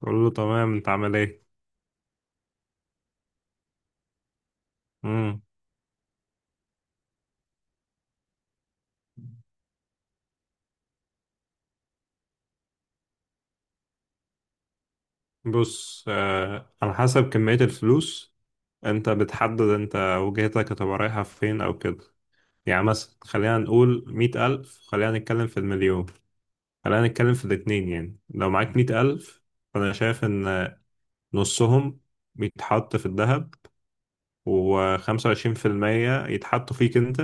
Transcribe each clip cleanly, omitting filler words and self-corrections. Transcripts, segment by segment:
بقول له تمام، انت عامل ايه؟ امم. بص، على حسب كمية الفلوس. انت بتحدد، انت وجهتك هتبقى رايحة فين او كده. يعني مثلا خلينا نقول 100,000، خلينا نتكلم في المليون، خلينا نتكلم في الاتنين. يعني لو معاك 100,000، فأنا شايف إن نصهم بيتحط في الذهب، وخمسة وعشرين في المية يتحطوا فيك انت.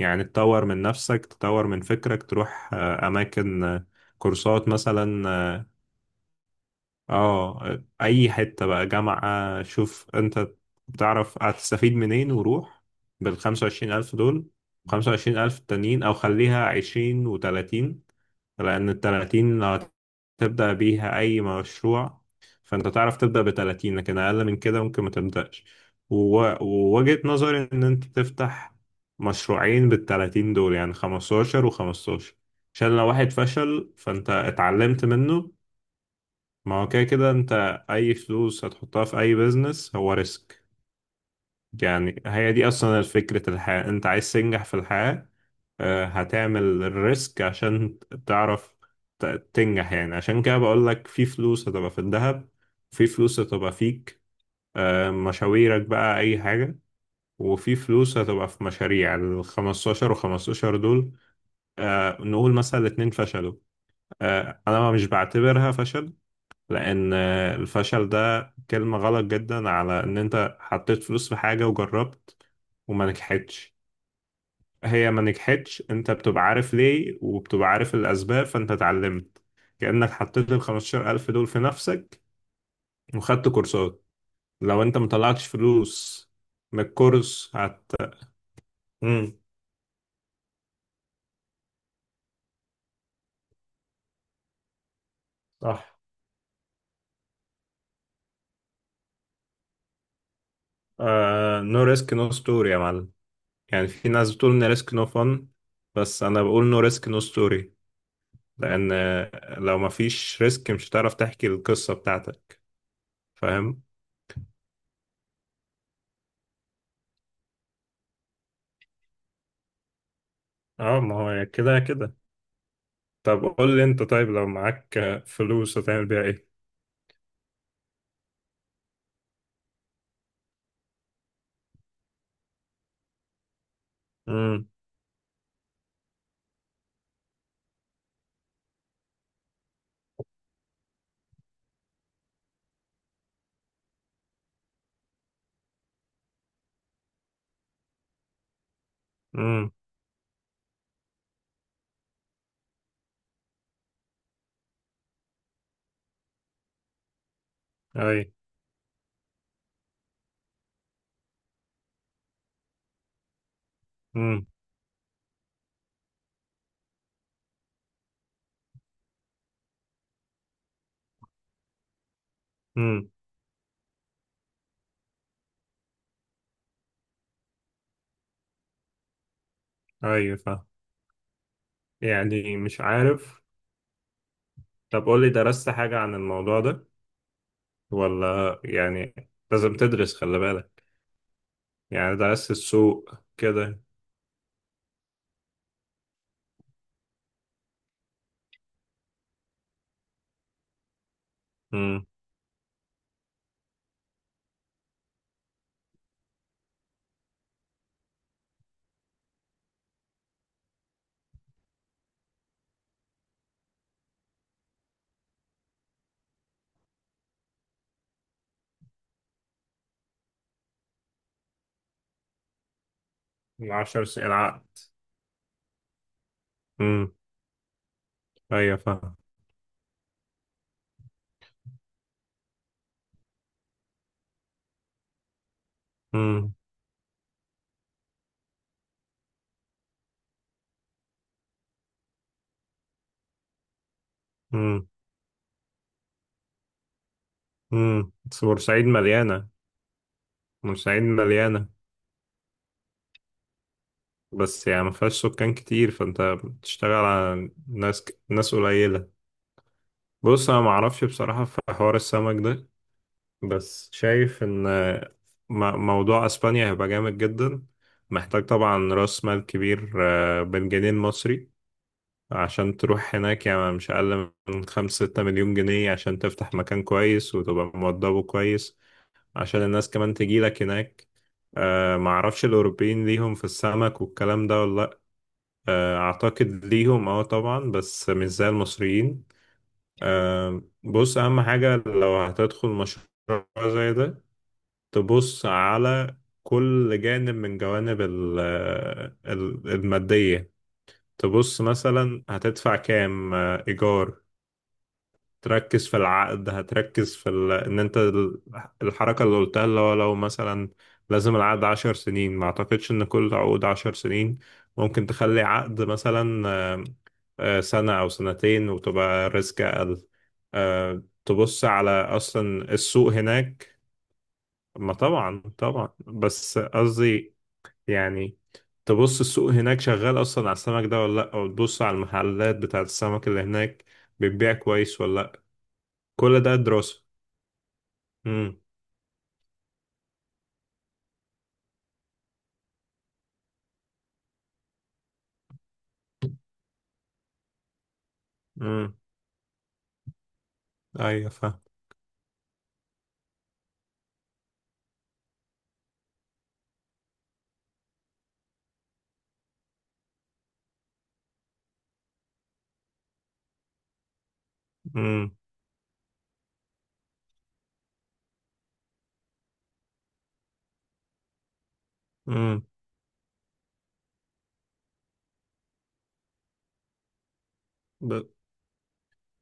يعني تطور من نفسك، تطور من فكرك، تروح أماكن، كورسات مثلا. اه، اي حتة بقى، جامعة، شوف انت بتعرف هتستفيد منين وروح بال25,000 دول. 25,000 التانيين، او خليها 20 و30، لان التلاتين لو هتبدأ بيها اي مشروع، فانت تعرف تبدأ بتلاتين، لكن اقل من كده ممكن ما تبدأش. ووجهة نظري ان انت تفتح مشروعين بالتلاتين دول، يعني 15 و15، عشان لو واحد فشل فانت اتعلمت منه. ما هو كده كده انت، اي فلوس هتحطها في اي بيزنس هو ريسك. يعني هي دي اصلا فكرة الحياة، انت عايز تنجح في الحياة، هتعمل الريسك عشان تعرف ت- تنجح. يعني عشان كده بقول لك، في فلوس هتبقى في الذهب، في فلوس هتبقى فيك، مشاويرك بقى، اي حاجة، وفي فلوس هتبقى في مشاريع ال 15 و15 دول. نقول مثلا الاتنين فشلوا، انا مش بعتبرها فشل، لان الفشل ده كلمة غلط جدا على ان انت حطيت فلوس في حاجة وجربت وما نجحتش. هي ما نجحتش، انت بتبقى عارف ليه وبتبقى عارف الاسباب، فانت اتعلمت. كأنك حطيت ال 15,000 دول في نفسك وخدت كورسات. لو انت مطلعتش فلوس من الكورس هت. امم. صح. نو ريسك نو ستوري يا معلم. يعني في ناس بتقول ان ريسك نو فن، بس انا بقول نو ريسك نو ستوري، لأن لو مفيش ريسك مش هتعرف تحكي القصة بتاعتك. فاهم. اه، ما هو كده كده. طب قول لي انت، طيب لو معاك فلوس هتعمل بيها ايه؟ امم. امم. اي. امم. امم. اي فاهم. يعني مش عارف. طب قول لي، درست حاجة عن الموضوع ده ولا يعني؟ لازم تدرس، خلي بالك. يعني درست السوق كده؟ امم. ال10 سنين العقد. امم. ايوه فاهم. امم. امم. امم. بس بورسعيد مليانة. بورسعيد مليانة، بس يعني ما فيهاش سكان كتير، فانت بتشتغل على ناس ناس قليلة. بص انا ما اعرفش بصراحة في حوار السمك ده، بس شايف ان موضوع اسبانيا هيبقى جامد جدا. محتاج طبعا راس مال كبير، بالجنيه المصري، عشان تروح هناك. يعني مش اقل من 5 6 مليون جنيه، عشان تفتح مكان كويس وتبقى موضبه كويس، عشان الناس كمان تجيلك هناك. ما اعرفش الاوروبيين ليهم في السمك والكلام ده ولا. أعتقد ليهم، اه طبعا، بس مش زي المصريين. بص، أهم حاجة لو هتدخل مشروع زي ده، تبص على كل جانب من جوانب المادية. تبص مثلا هتدفع كام إيجار، تركز في العقد، هتركز في ال... ان انت ال- الحركة اللي قلتها، اللي هو لو مثلا لازم العقد 10 سنين. ما اعتقدش ان كل عقود 10 سنين، ممكن تخلي عقد مثلا سنة او سنتين وتبقى ريسك اقل. تبص على اصلا السوق هناك. ما طبعا طبعا، بس قصدي يعني، تبص السوق هناك شغال اصلا على السمك ده ولا لا، او تبص على المحلات بتاعت السمك اللي هناك بتبيع كويس ولا لا. كل ده دراسة. امم. امم. ايوه فاهم. امم. امم. ب-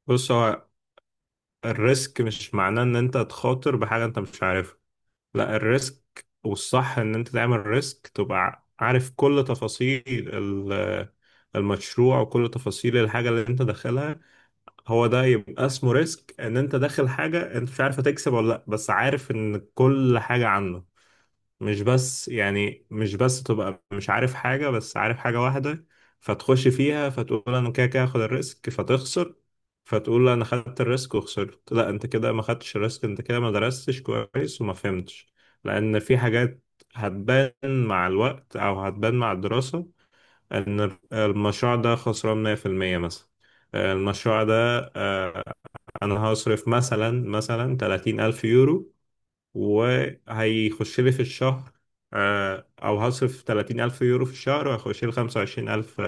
بص، هو الريسك مش معناه ان انت تخاطر بحاجه انت مش عارفها. لا، الريسك والصح ان انت تعمل ريسك تبقى عارف كل تفاصيل المشروع وكل تفاصيل الحاجه اللي انت داخلها. هو ده يبقى اسمه ريسك، ان انت داخل حاجه انت مش عارف هتكسب ولا لا، بس عارف ان كل حاجه عنه. مش بس يعني، مش بس تبقى مش عارف حاجة، بس عارف حاجة واحدة فتخش فيها، فتقول أنا كده كده هاخد الريسك فتخسر. فتقول أنا خدت الريسك وخسرت. لا، أنت كده ما خدتش الريسك، أنت كده ما درستش كويس وما فهمتش. لأن في حاجات هتبان مع الوقت أو هتبان مع الدراسة إن المشروع ده خسران 100%. مثلا المشروع ده، آه، أنا هصرف مثلا 30 ألف يورو وهيخش لي في الشهر أو هصرف 30,000 يورو في الشهر وهيخش لي 25,000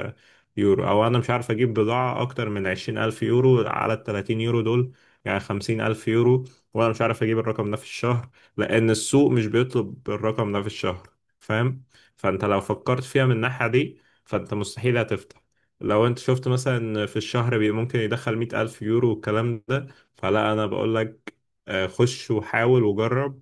يورو، أو أنا مش عارف أجيب بضاعة أكتر من 20,000 يورو على ال 30 يورو دول، يعني 50,000 يورو، وأنا مش عارف أجيب الرقم ده في الشهر، لأن السوق مش بيطلب الرقم ده في الشهر. فاهم. فأنت لو فكرت فيها من الناحية دي، فأنت مستحيل هتفتح. لو انت شفت مثلا في الشهر ممكن يدخل 100,000 يورو والكلام ده، فلا، أنا بقول لك خش وحاول وجرب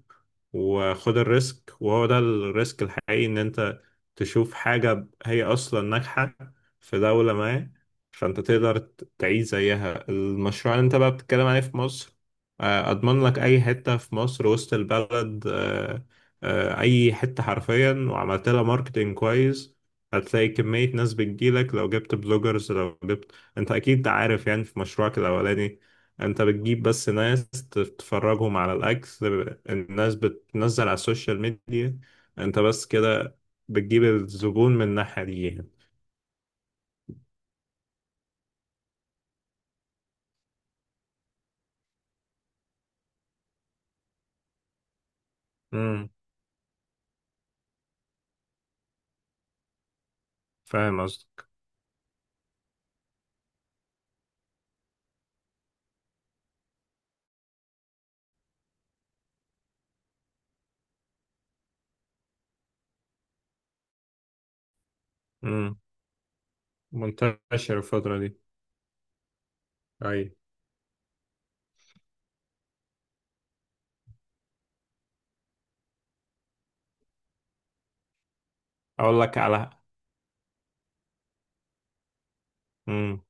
وخد الريسك. وهو ده الريسك الحقيقي، ان انت تشوف حاجة هي اصلا ناجحة في دولة ما، فانت تقدر تعيش زيها المشروع اللي انت بقى بتتكلم عليه في مصر. اضمن لك اي حتة في مصر، وسط البلد، اي حتة حرفيا، وعملت لها ماركتينج كويس، هتلاقي كمية ناس بتجيلك. لو جبت بلوجرز، لو جبت، انت اكيد عارف يعني، في مشروعك الاولاني انت بتجيب بس ناس تتفرجهم على الاكل، الناس بتنزل على السوشيال ميديا، انت بس كده بتجيب الزبون من الناحية دي يعني. امم. فاهم قصدك. امم. منتشر الفترة دي. اي. اقول لك على. امم.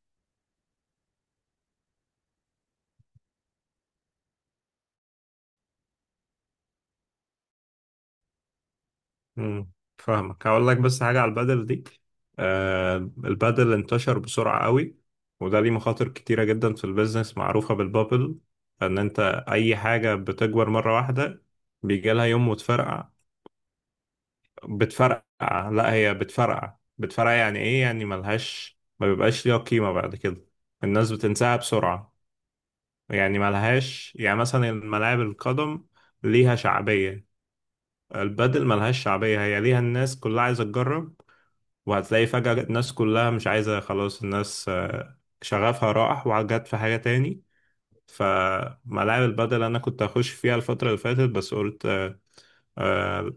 امم. فاهمك. هقول لك بس حاجة على البدل دي. آه، البدل انتشر بسرعة قوي، وده ليه مخاطر كتيرة جدا في البيزنس، معروفة بالبابل، ان انت اي حاجة بتكبر مرة واحدة بيجي لها يوم وتفرقع. بتفرقع، لا هي بتفرقع بتفرقع. يعني ايه؟ يعني ملهاش، ما بيبقاش ليها قيمة بعد كده، الناس بتنساها بسرعة. يعني ملهاش، يعني مثلا ملاعب القدم ليها شعبية، البادل ملهاش شعبية، هي ليها الناس كلها عايزة تجرب، وهتلاقي فجأة الناس كلها مش عايزة، خلاص الناس شغفها راح وجت في حاجة تاني. فملاعب البادل أنا كنت هخش فيها الفترة اللي فاتت، بس قلت آه،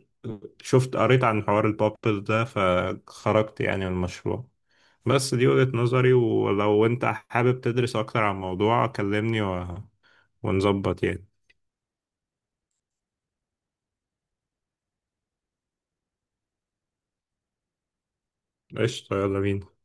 شفت قريت عن حوار البابل ده فخرجت يعني من المشروع. بس دي وجهة نظري، ولو انت حابب تدرس اكتر عن الموضوع كلمني ونظبط يعني. قشطة، يلا بينا.